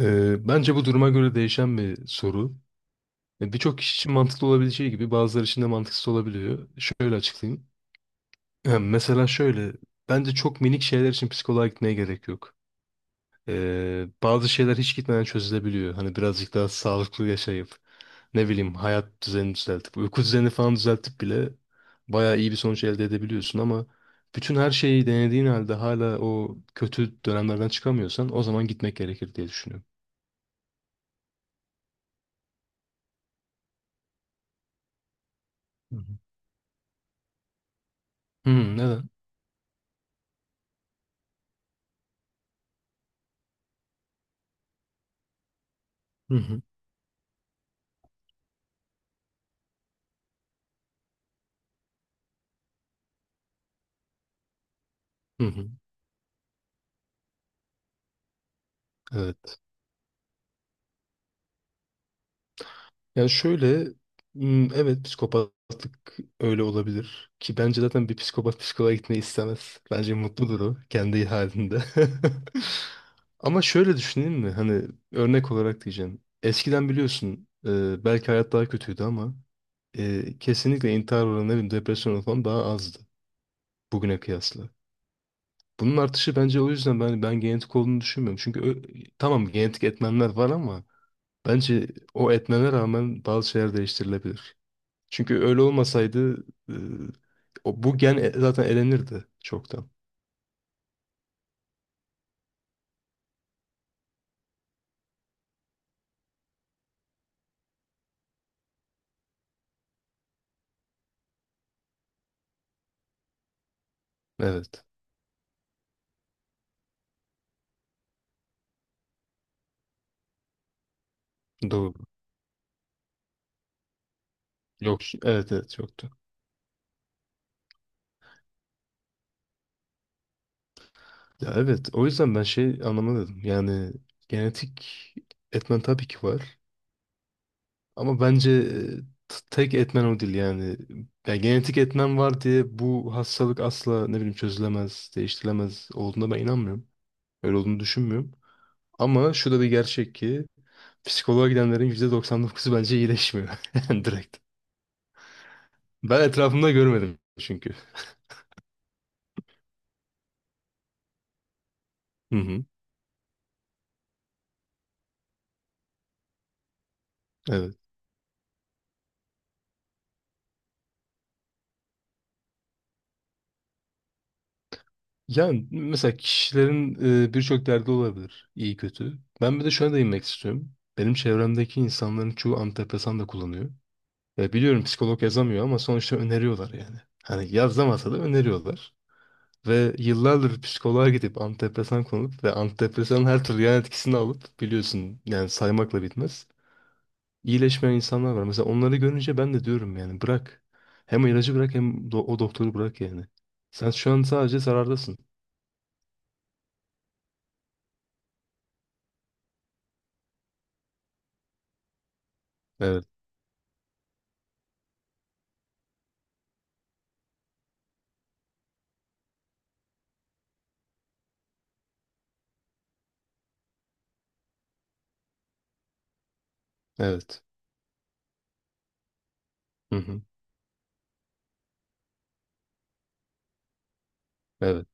Bence bu duruma göre değişen bir soru. Birçok kişi için mantıklı olabileceği gibi bazıları için de mantıksız olabiliyor. Şöyle açıklayayım. Mesela şöyle, bence çok minik şeyler için psikoloğa gitmeye gerek yok. Bazı şeyler hiç gitmeden çözülebiliyor. Hani birazcık daha sağlıklı yaşayıp, ne bileyim hayat düzenini düzeltip, uyku düzenini falan düzeltip bile bayağı iyi bir sonuç elde edebiliyorsun ama bütün her şeyi denediğin halde hala o kötü dönemlerden çıkamıyorsan o zaman gitmek gerekir diye düşünüyorum. Hı hı. Hmm, neden? Hı hı. Hı hı, evet. Yani şöyle, evet psikopatlık öyle olabilir ki bence zaten bir psikopat psikoloğa gitmeyi istemez. Bence mutludur o kendi halinde. Ama şöyle düşüneyim mi? Hani örnek olarak diyeceğim. Eskiden biliyorsun belki hayat daha kötüydü ama kesinlikle intihar oranı ne bileyim, depresyon oranı falan daha azdı bugüne kıyasla. Bunun artışı bence o yüzden ben genetik olduğunu düşünmüyorum. Tamam genetik etmenler var ama bence o etmene rağmen bazı şeyler değiştirilebilir. Çünkü öyle olmasaydı e, bu gen zaten elenirdi çoktan. Evet. Doğru. Yok. Evet evet yoktu. Ya evet o yüzden ben şey anlamadım. Yani genetik etmen tabii ki var. Ama bence tek etmen o değil yani. Ya genetik etmen var diye bu hastalık asla ne bileyim çözülemez, değiştirilemez olduğuna ben inanmıyorum. Öyle olduğunu düşünmüyorum. Ama şu da bir gerçek ki psikoloğa gidenlerin %99'u bence iyileşmiyor. Yani direkt. Ben etrafımda görmedim çünkü. Hı hı, evet. Yani mesela kişilerin birçok derdi olabilir. İyi kötü. Ben bir de şuna değinmek istiyorum. Benim çevremdeki insanların çoğu antidepresan da kullanıyor. Ve biliyorum psikolog yazamıyor ama sonuçta öneriyorlar yani. Hani yazamasa da öneriyorlar. Ve yıllardır psikoloğa gidip antidepresan kullanıp ve antidepresanın her türlü yan etkisini alıp biliyorsun yani saymakla bitmez. İyileşmeyen insanlar var. Mesela onları görünce ben de diyorum yani bırak. Hem ilacı bırak hem o doktoru bırak yani. Sen şu an sadece zarardasın. Evet, evet. Hı hı, evet.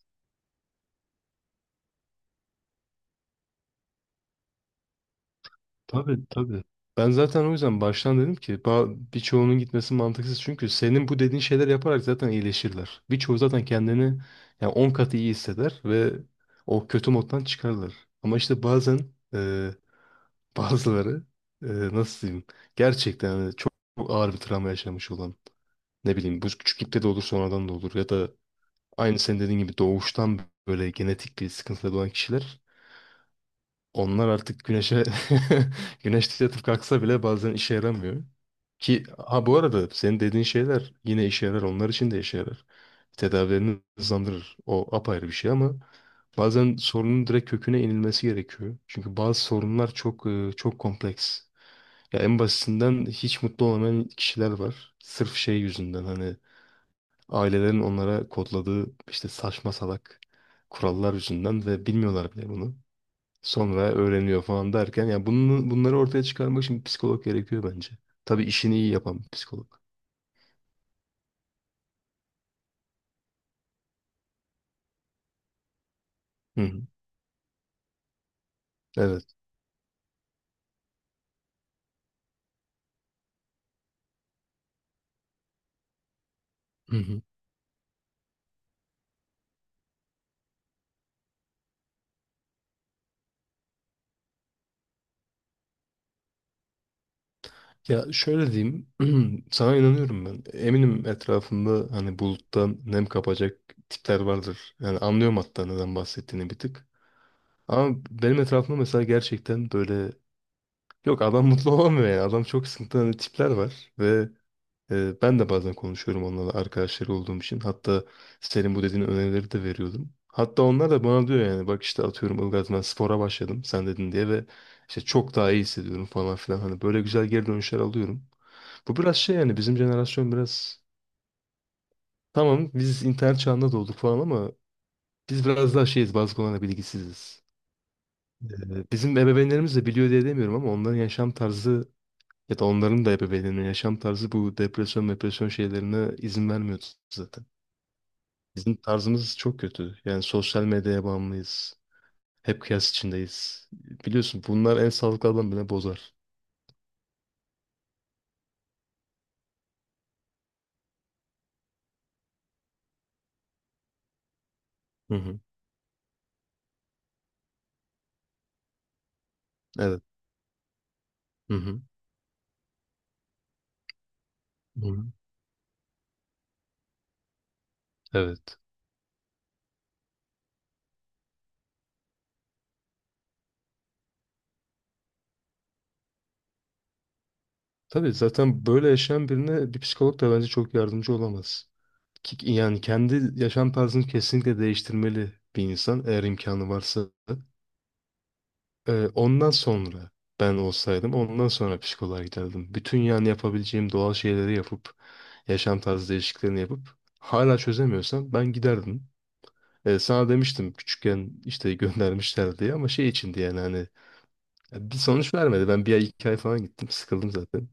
Tabii, tabii. Ben zaten o yüzden baştan dedim ki birçoğunun gitmesi mantıksız. Çünkü senin bu dediğin şeyler yaparak zaten iyileşirler. Birçoğu zaten kendini yani 10 katı iyi hisseder ve o kötü moddan çıkarlar. Ama işte bazen e, bazıları nasıl diyeyim gerçekten hani çok ağır bir travma yaşamış olan ne bileyim bu küçüklükte de olur sonradan da olur ya da aynı senin dediğin gibi doğuştan böyle genetik bir sıkıntıda doğan kişiler onlar artık güneşte yatıp kalksa bile bazen işe yaramıyor. Ki ha bu arada senin dediğin şeyler yine işe yarar onlar için de işe yarar. Tedavilerini hızlandırır. O apayrı bir şey ama bazen sorunun direkt köküne inilmesi gerekiyor. Çünkü bazı sorunlar çok çok kompleks. Ya en basitinden hiç mutlu olamayan kişiler var. Sırf şey yüzünden hani ailelerin onlara kodladığı işte saçma salak kurallar yüzünden ve bilmiyorlar bile bunu. Sonra öğreniyor falan derken ya bunları ortaya çıkarmak için bir psikolog gerekiyor bence. Tabii işini iyi yapan bir psikolog. Hı hı. Evet. Hı hı. Ya şöyle diyeyim, sana inanıyorum ben. Eminim etrafında hani buluttan nem kapacak tipler vardır. Yani anlıyorum hatta neden bahsettiğini bir tık. Ama benim etrafımda mesela gerçekten böyle yok adam mutlu olamıyor yani. Adam çok sıkıntılı hani tipler var ve ben de bazen konuşuyorum onlarla arkadaşları olduğum için. Hatta senin bu dediğin önerileri de veriyordum. Hatta onlar da bana diyor yani bak işte atıyorum Ilgaz ben spora başladım sen dedin diye ve işte çok daha iyi hissediyorum falan filan. Hani böyle güzel geri dönüşler alıyorum. Bu biraz şey yani bizim jenerasyon biraz tamam biz internet çağında doğduk falan ama biz biraz daha şeyiz bazı konularda bilgisiziz. Bizim ebeveynlerimiz de biliyor diye demiyorum ama onların yaşam tarzı ya da onların da ebeveynlerinin yaşam tarzı bu depresyon şeylerine izin vermiyor zaten. Bizim tarzımız çok kötü. Yani sosyal medyaya bağımlıyız. Hep kıyas içindeyiz. Biliyorsun bunlar en sağlıklı adamı bile bozar. Hı hı. Evet. Hı hı. Hı hı. Evet. Tabii zaten böyle yaşayan birine bir psikolog da bence çok yardımcı olamaz. Yani kendi yaşam tarzını kesinlikle değiştirmeli bir insan eğer imkanı varsa. Ondan sonra ben olsaydım ondan sonra psikoloğa giderdim. Bütün yani yapabileceğim doğal şeyleri yapıp yaşam tarzı değişikliklerini yapıp hala çözemiyorsam ben giderdim. Sana demiştim küçükken işte göndermişler diye ama şey içindi yani hani ya bir sonuç vermedi. Ben bir ay iki ay falan gittim sıkıldım zaten.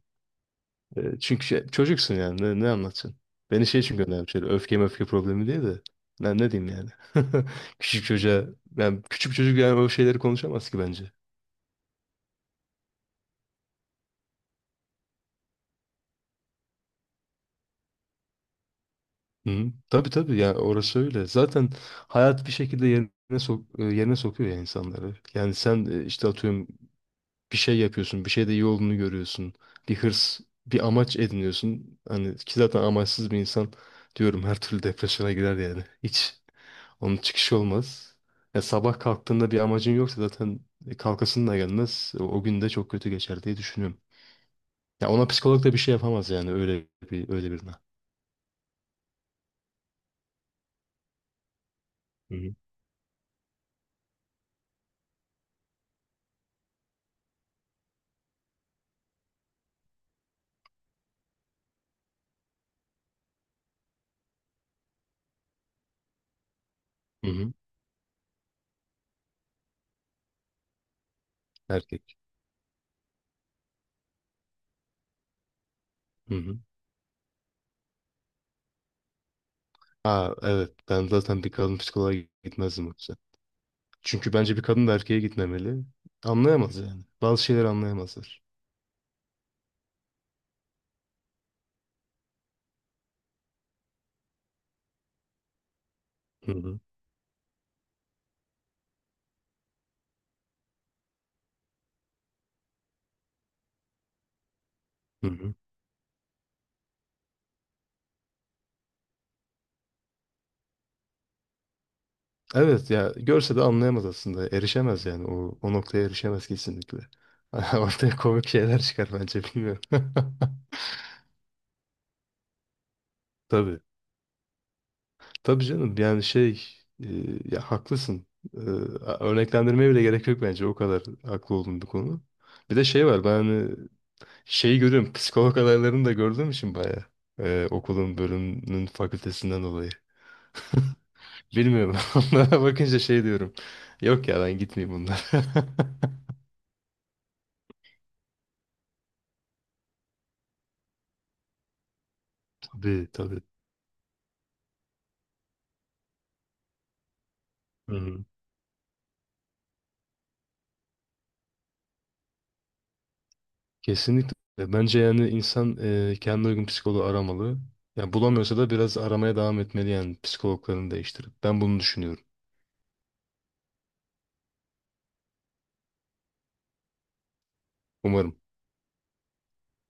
Çünkü çocuksun yani ne anlatacaksın? Beni şey için göndermişler öfke problemi diye de ne diyeyim yani. Küçük çocuğa yani küçük çocuk yani o şeyleri konuşamaz ki bence. Hı. Tabii tabii ya orası öyle. Zaten hayat bir şekilde yerine sokuyor ya insanları. Yani sen işte atıyorum bir şey yapıyorsun, bir şeyde iyi olduğunu görüyorsun. Bir hırs, bir amaç ediniyorsun. Hani ki zaten amaçsız bir insan diyorum her türlü depresyona girer yani. Hiç onun çıkışı olmaz. Ya sabah kalktığında bir amacın yoksa zaten kalkasın da gelmez. O gün de çok kötü geçer diye düşünüyorum. Ya ona psikolog da bir şey yapamaz yani öyle birine. Hı hı. Hı hı. Erkek. Hı hı. Ha evet ben zaten bir kadın psikoloğa gitmezdim yoksa. Çünkü bence bir kadın da erkeğe gitmemeli. Anlayamaz yani. Bazı şeyleri anlayamazlar. Hı hı. Hı hı. Evet ya görse de anlayamaz aslında. Erişemez yani. O noktaya erişemez kesinlikle. Ortaya komik şeyler çıkar bence bilmiyorum. Tabii. Tabii canım yani e, ya haklısın. E, Örneklendirmeye bile gerek yok bence. O kadar haklı olduğum bir konu. Bir de şey var şeyi görüyorum. Psikolog adaylarını da gördüğüm için bayağı. Okulun bölümünün fakültesinden dolayı. Bilmiyorum. Onlara bakınca şey diyorum. Yok ya ben gitmeyeyim bunlara. Tabii tabii. Hı-hı. Kesinlikle. Bence yani insan kendine uygun psikoloğu aramalı. Yani bulamıyorsa da biraz aramaya devam etmeli yani psikologlarını değiştirip. Ben bunu düşünüyorum. Umarım.